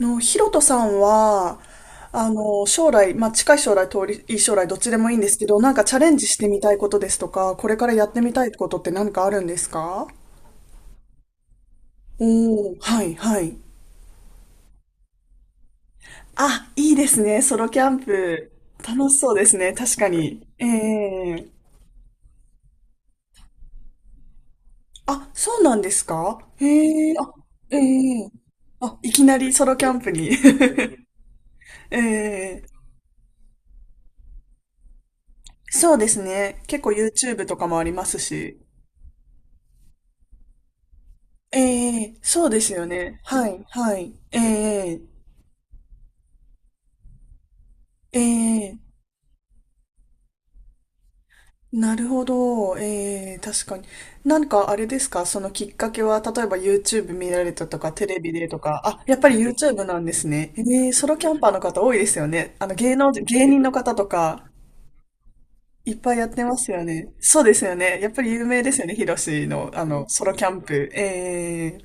の、ヒロトさんは、将来、近い将来、遠い将来、どっちでもいいんですけど、チャレンジしてみたいことですとか、これからやってみたいことって何かあるんですか？おー、はい、はい。あ、いいですね、ソロキャンプ。楽しそうですね、確かに。ええ、あ、そうなんですか？ええ、あ、ええ、あ、いきなりソロキャンプに。ええ、そうですね、結構 YouTube とかもありますし。ええ、そうですよね。はい、はい。ええ、ええ、なるほど。ええ、確かに。なんかあれですか、そのきっかけは、例えば YouTube 見られたとか、テレビでとか。あ、やっぱり YouTube なんですね。ええ、ソロキャンパーの方多いですよね。芸能人、芸人の方とか、いっぱいやってますよね。そうですよね。やっぱり有名ですよね。ヒロシの、ソロキャンプ。ええ、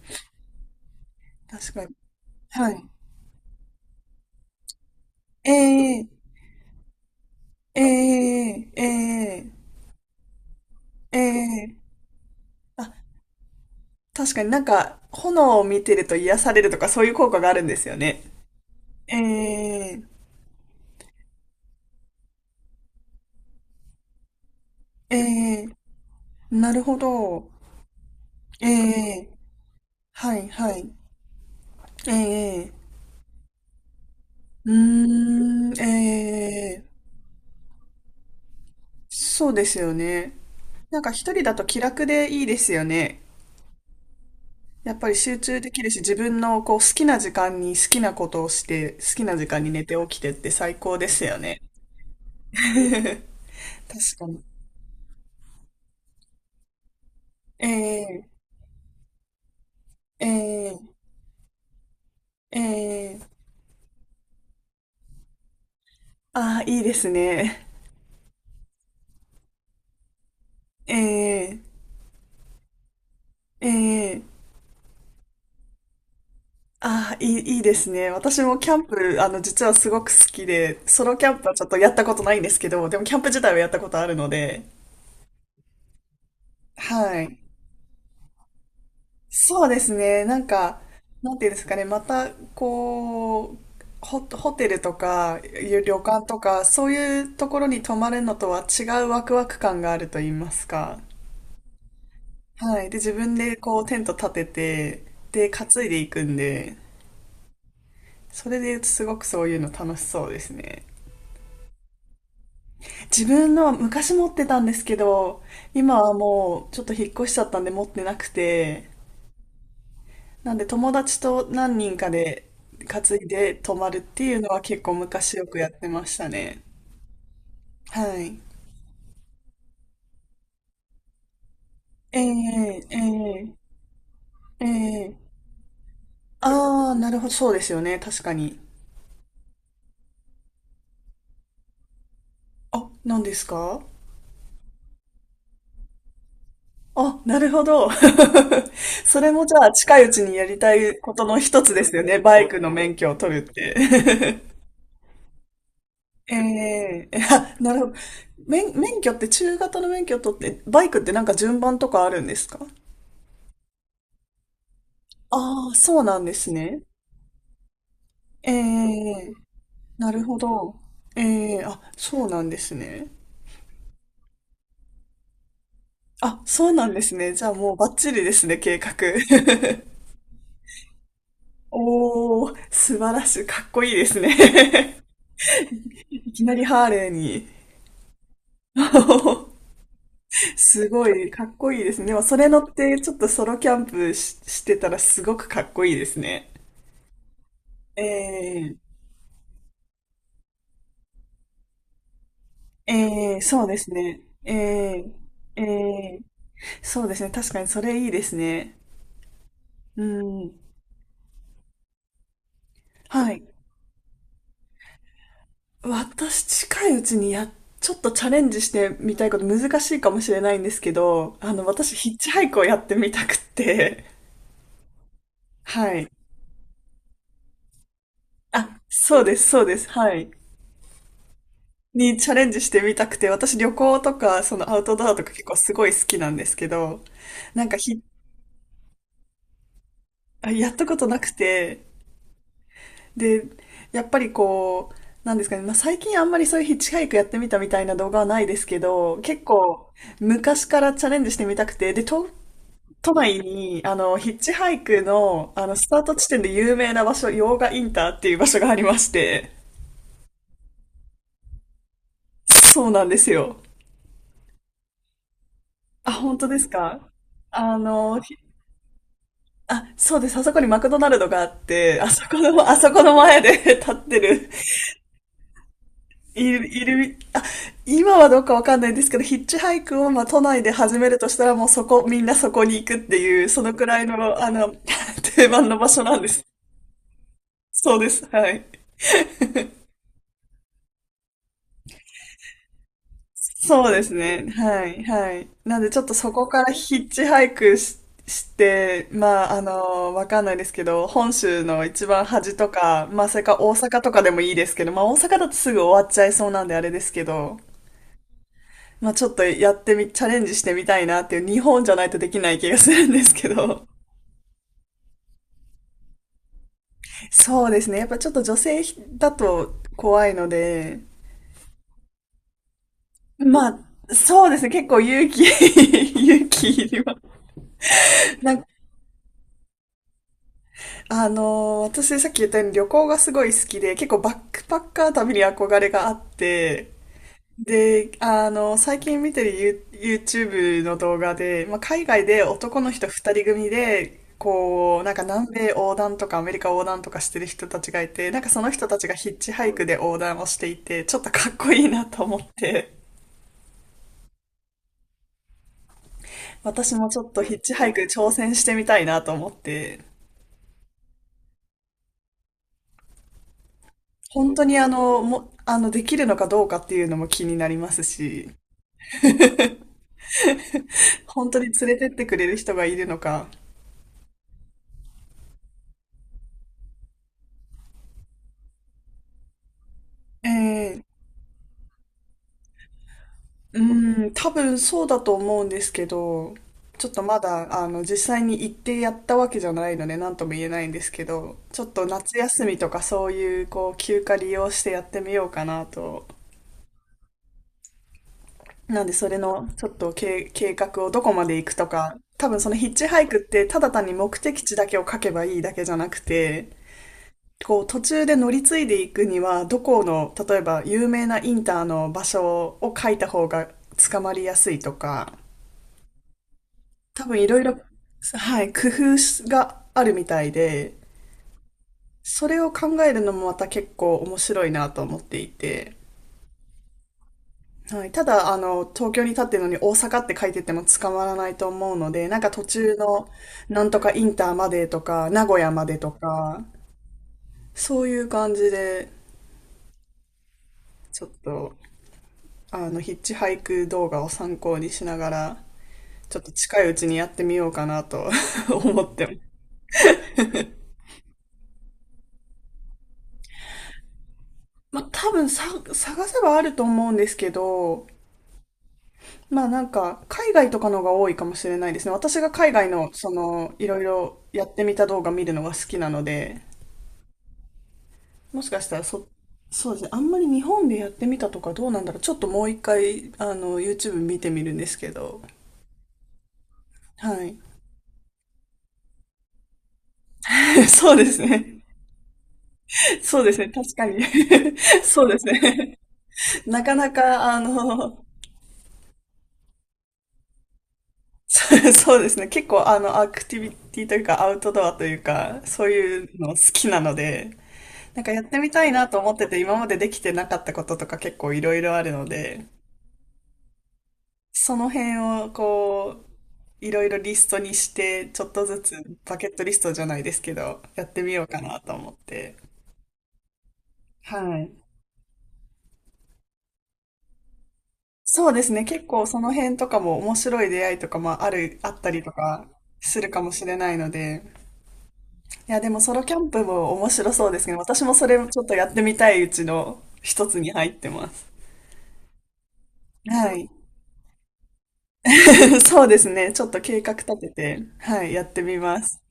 確かに。はい。ええ、ええ、ええ、ええ、あ、確かになんか、炎を見てると癒されるとかそういう効果があるんですよね。ええ、ええ、なるほど。ええ、はい、はい。ええ、うーん、ええ、そうですよね。なんか一人だと気楽でいいですよね。やっぱり集中できるし、自分のこう好きな時間に好きなことをして、好きな時間に寝て起きてって最高ですよね。確かに。ええ、ええ、ええ、ああー、いいですね。ええ、ええ、ああ、いい、いいですね。私もキャンプ、実はすごく好きで、ソロキャンプはちょっとやったことないんですけど、でもキャンプ自体はやったことあるので、はい。そうですね。なんか、なんていうんですかね。また、こう、ホテルとか、旅館とか、そういうところに泊まるのとは違うワクワク感があると言いますか。はい。で、自分でこう、テント立てて、で、担いでいくんで、それで言うとすごくそういうの楽しそうですね。自分のは昔持ってたんですけど、今はもうちょっと引っ越しちゃったんで持ってなくて、なんで友達と何人かで担いで泊まるっていうのは結構昔よくやってましたね。はい。ええ、ええ、ええ、ああー、なるほど、そうですよね、確かに。あ、何ですか？あ、なるほど。それもじゃあ近いうちにやりたいことの一つですよね。バイクの免許を取るって。ええ、あ、なるほど。免許って中型の免許を取って、バイクってなんか順番とかあるんですか？ああ、そうなんですね。ええ、なるほど。ええ、あ、そうなんですね。あ、そうなんですね。じゃあもうバッチリですね、計画。おー、素晴らしい。かっこいいですね。いきなりハーレーに。すごい、かっこいいですね。でも、それ乗って、ちょっとソロキャンプし、してたらすごくかっこいいですね。ええ、ええ、そうですね。ええ、ええ、そうですね。確かにそれいいですね。うん。はい。私、近いうちにや、ちょっとチャレンジしてみたいこと難しいかもしれないんですけど、私、ヒッチハイクをやってみたくって、はい。あ、そうです、そうです、はい。にチャレンジしてみたくて、私旅行とか、そのアウトドアとか結構すごい好きなんですけど、なんかひ、あ、やったことなくて、で、やっぱりこう、なんですかね、最近あんまりそういうヒッチハイクやってみたみたいな動画はないですけど、結構昔からチャレンジしてみたくて、で、都内に、ヒッチハイクの、スタート地点で有名な場所、用賀インターっていう場所がありまして、そうなんですよ。あ、本当ですか？あの、あ、そうです。あそこにマクドナルドがあって、あそこの前で 立ってる、いる、いる、あ、今はどうかわかんないんですけど、ヒッチハイクを、まあ、都内で始めるとしたら、もうそこ、みんなそこに行くっていう、そのくらいの、あの、定番の場所なんです。そうです。はい。そうですね。はい、はい。なんでちょっとそこからヒッチハイクし、して、わかんないですけど、本州の一番端とか、まあ、それか大阪とかでもいいですけど、まあ、大阪だとすぐ終わっちゃいそうなんであれですけど、まあ、ちょっとやってみ、チャレンジしてみたいなっていう、日本じゃないとできない気がするんですけど。そうですね。やっぱちょっと女性だと怖いので、まあ、そうですね。結構勇気 勇気いります。なんか私さっき言ったように旅行がすごい好きで、結構バックパッカー旅に憧れがあって、で、最近見てる YouTube の動画で、まあ、海外で男の人二人組で、こう、なんか南米横断とかアメリカ横断とかしてる人たちがいて、なんかその人たちがヒッチハイクで横断をしていて、ちょっとかっこいいなと思って、私もちょっとヒッチハイク挑戦してみたいなと思って、本当にあの、も、あの、できるのかどうかっていうのも気になりますし、本当に連れてってくれる人がいるのか。ええ、うん、多分そうだと思うんですけど、ちょっとまだ、実際に行ってやったわけじゃないので、なんとも言えないんですけど、ちょっと夏休みとかそういう、こう、休暇利用してやってみようかなと。なんで、それの、ちょっと計画をどこまで行くとか、多分そのヒッチハイクって、ただ単に目的地だけを書けばいいだけじゃなくて、こう途中で乗り継いでいくにはどこの例えば有名なインターの場所を書いた方が捕まりやすいとか、多分いろいろ、はい、工夫があるみたいで、それを考えるのもまた結構面白いなと思っていて、はい、ただあの東京に立ってるのに大阪って書いてても捕まらないと思うので、なんか途中のなんとかインターまでとか名古屋までとか、そういう感じでちょっとヒッチハイク動画を参考にしながら、ちょっと近いうちにやってみようかなと 思ってます。まあ、多分さ、探せばあると思うんですけど、まあなんか、海外とかのが多いかもしれないですね。私が海外の、その、いろいろやってみた動画見るのが好きなので、もしかしたらそ、そうですね。あんまり日本でやってみたとかどうなんだろう。ちょっともう一回、YouTube 見てみるんですけど。はい。そうですね。そうですね。確かに。そうですね。なかなか、そうそうですね。結構、アクティビティというか、アウトドアというか、そういうの好きなので、なんかやってみたいなと思ってて、今までできてなかったこととか結構いろいろあるので、その辺をこう、いろいろリストにして、ちょっとずつバケットリストじゃないですけど、やってみようかなと思って。はい。そうですね。結構その辺とかも面白い出会いとかもあったりとかするかもしれないので、いや、でもソロキャンプも面白そうですね。私もそれちょっとやってみたいうちの一つに入ってます。はい。そうですね。ちょっと計画立てて、はい、やってみます。